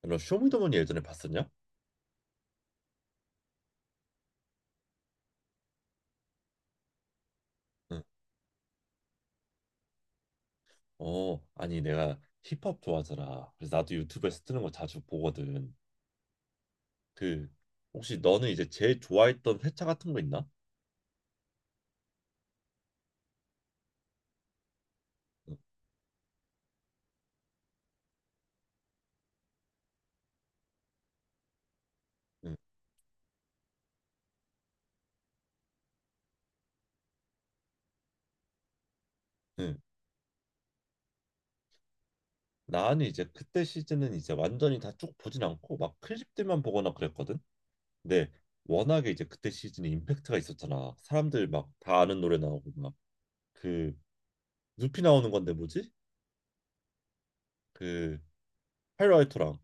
너 쇼미더머니 예전에 봤었냐? 응. 아니 내가 힙합 좋아하잖아. 그래서 나도 유튜브에서 뜨는 거 자주 보거든. 그 혹시 너는 이제 제일 좋아했던 회차 같은 거 있나? 응, 응, 응. 나는 이제 그때 시즌은 이제 완전히 다 쭉 보진 않고 막 클립들만 보거나 그랬거든. 근데 워낙에 이제 그때 시즌에 임팩트가 있었잖아. 사람들 막 다 아는 노래 나오고 막 그 누피 나오는 건데 뭐지? 그 하이라이터랑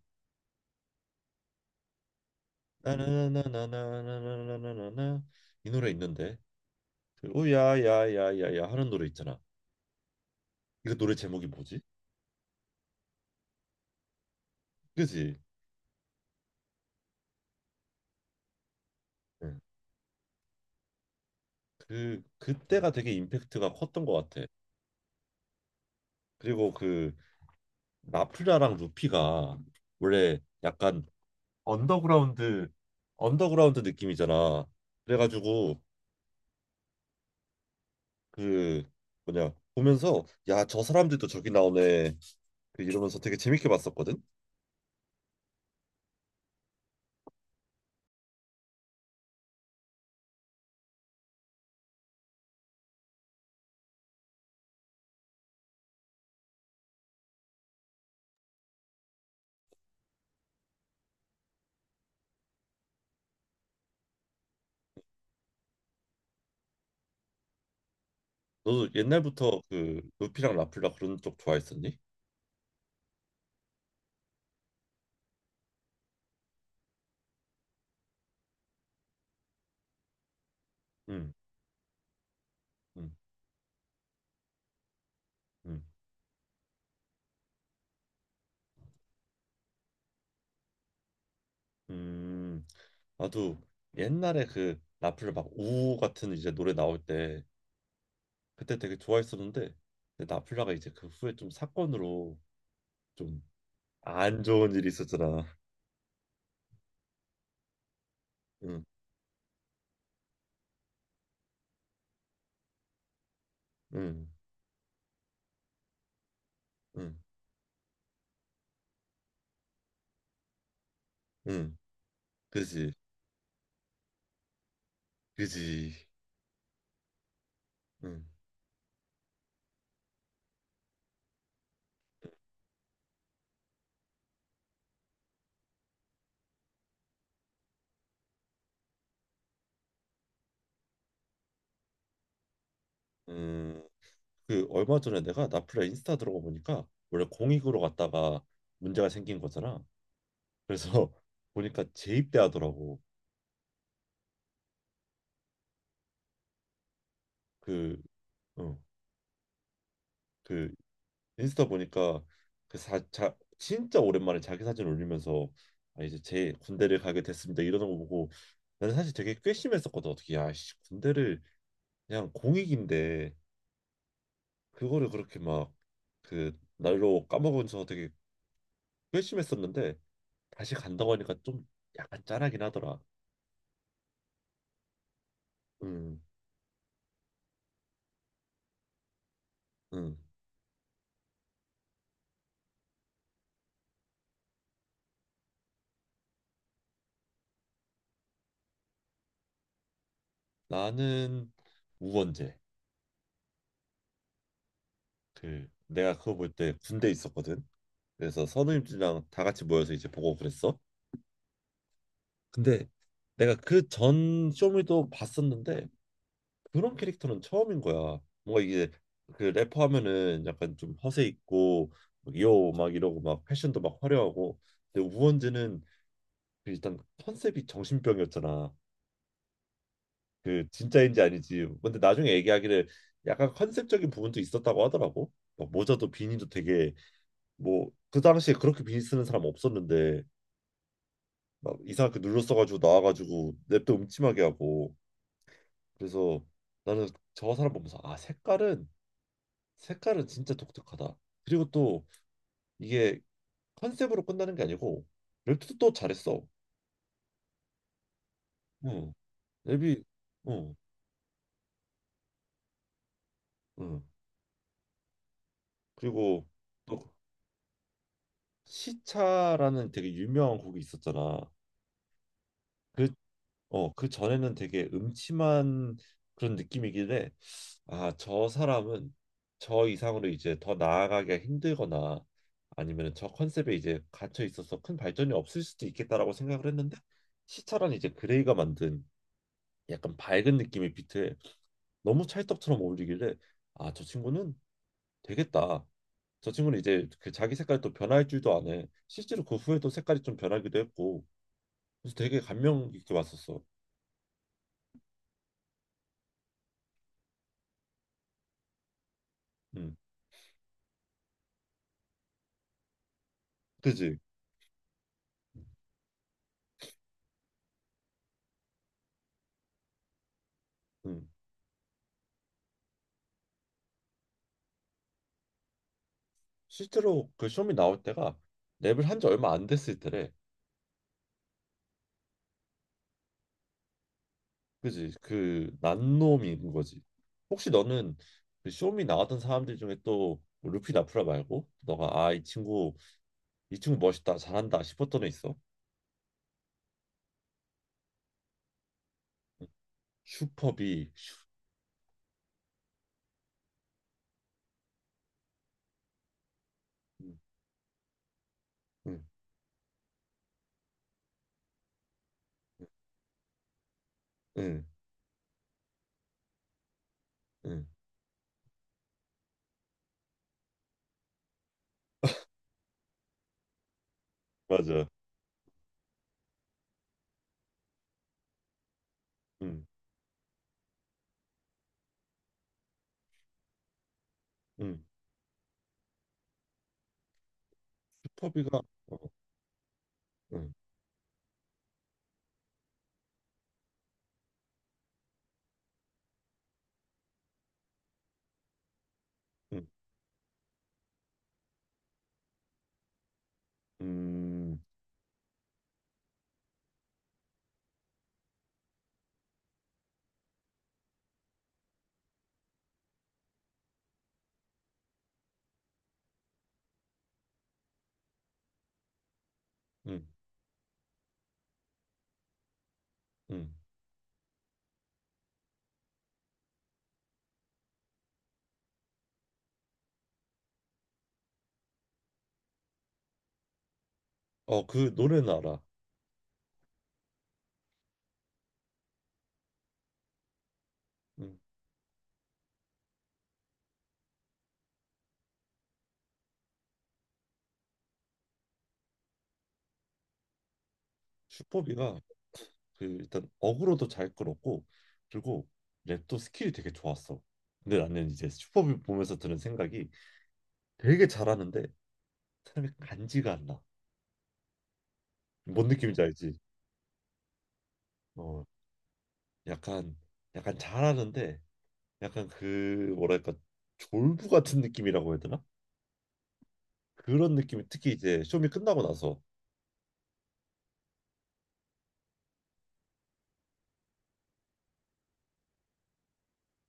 나나나나나나나나나 이 노래 있는데. 그 오야야야야야 하는 노래 있잖아. 이거 노래 제목이 뭐지? 그지? 응. 그 그때가 되게 임팩트가 컸던 것 같아. 그리고 그 나플라랑 루피가 원래 약간 언더그라운드 언더그라운드 느낌이잖아. 그래가지고 그 뭐냐 보면서 야, 저 사람들도 저기 나오네 그 이러면서 되게 재밌게 봤었거든. 너도 옛날부터 그 루피랑 나플라 그런 쪽 좋아했었니? 응, 응, 응, 음. 나도 옛날에 그 나플라 막 우우 같은 이제 노래 나올 때 그때 되게 좋아했었는데 근데 나플라가 이제 그 후에 좀 사건으로 좀 안 좋은 일이 있었잖아. 응, 응, 응, 응. 그지, 그지. 응, 응. 그 얼마 전에 내가 나플라 인스타 들어가 보니까 원래 공익으로 갔다가 문제가 생긴 거잖아. 그래서 보니까 재입대하더라고. 그, 어, 그 인스타 보니까 진짜 오랜만에 자기 사진 올리면서 아, 이제 제 군대를 가게 됐습니다 이러는 거 보고 나는 사실 되게 괘씸했었거든. 어떻게 야씨 군대를 그냥 공익인데 그거를 그렇게 막 그 날로 까먹으면서 되게 괘씸했었는데 다시 간다고 하니까 좀 약간 짠하긴 하더라. 음, 음. 나는 우원재. 그 내가 그거 볼 때 군대 있었거든. 그래서 선우님들이랑 다 같이 모여서 이제 보고 그랬어. 근데 내가 그 전 쇼미도 봤었는데 그런 캐릭터는 처음인 거야. 뭔가 이게 그 래퍼 하면은 약간 좀 허세 있고 요막 이러고 막 패션도 막 화려하고 근데 우원재는 그 일단 컨셉이 정신병이었잖아. 그 진짜인지 아니지. 근데 나중에 얘기하기를 약간 컨셉적인 부분도 있었다고 하더라고. 막 모자도 비니도 되게 뭐 그 당시에 그렇게 비니 쓰는 사람 없었는데 막 이상하게 눌러 써가지고 나와가지고 랩도 음침하게 하고 그래서 나는 저 사람 보면서 아, 색깔은 진짜 독특하다. 그리고 또 이게 컨셉으로 끝나는 게 아니고 랩도 또 잘했어. 응. 랩이 응. 응. 그리고 또 시차라는 되게 유명한 곡이 있었잖아. 그 어, 그 전에는 되게 음침한 그런 느낌이길래 아, 저 사람은 저 이상으로 이제 더 나아가기가 힘들거나 아니면 저 컨셉에 이제 갇혀 있어서 큰 발전이 없을 수도 있겠다라고 생각을 했는데 시차란 이제 그레이가 만든 약간 밝은 느낌의 비트에 너무 찰떡처럼 어울리길래 아, 저 친구는 되겠다. 저 친구는 이제 그 자기 색깔이 또 변할 줄도 아네. 실제로 그 후에도 색깔이 좀 변하기도 했고 그래서 되게 감명 깊게 봤었어. 음, 그지? 음, 실제로 그 쇼미 나올 때가 랩을 한 지 얼마 안 됐을 때래. 그지. 그 난놈인 거지. 혹시 너는 그 쇼미 나왔던 사람들 중에 또 뭐 루피 나프라 말고 너가 아, 이 친구 멋있다 잘한다 싶었던 애 있어? 응. 슈퍼비. 응응응. 맞아. 응응. 슈퍼비가 어응응응응어그 노래는 알아. 응. 슈퍼비가 그 일단 어그로도 잘 끌었고 그리고 랩도 스킬이 되게 좋았어. 근데 나는 이제 슈퍼볼 보면서 드는 생각이 되게 잘하는데 사람이 간지가 안 나. 뭔 느낌인지 알지? 어, 약간 약간 잘하는데 약간 그 뭐랄까 졸부 같은 느낌이라고 해야 되나? 그런 느낌이 특히 이제 쇼미 끝나고 나서.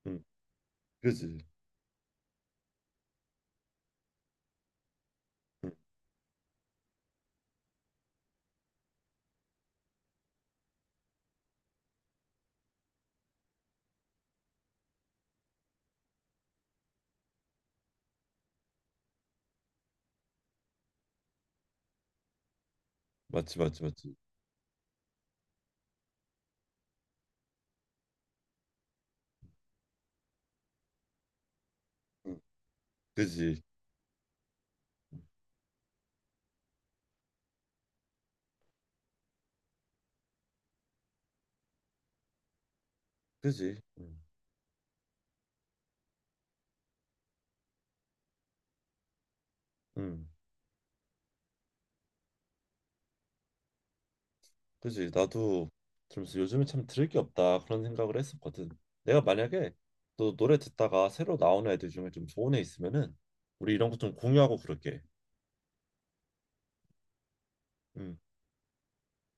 응, 그지? 응, 맞지 맞지 맞지. 응, 그지? 그지? 응, 응. 그지. 나도 들으면서 요즘에 참 들을 게 없다 그런 생각을 했었거든. 내가 만약에 또 노래 듣다가 새로 나오는 애들 중에 좀 좋은 애 있으면은 우리 이런 거 좀 공유하고 그럴게. 응.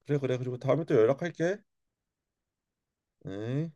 그래 그래 그리고 다음에 또 연락할게. 응.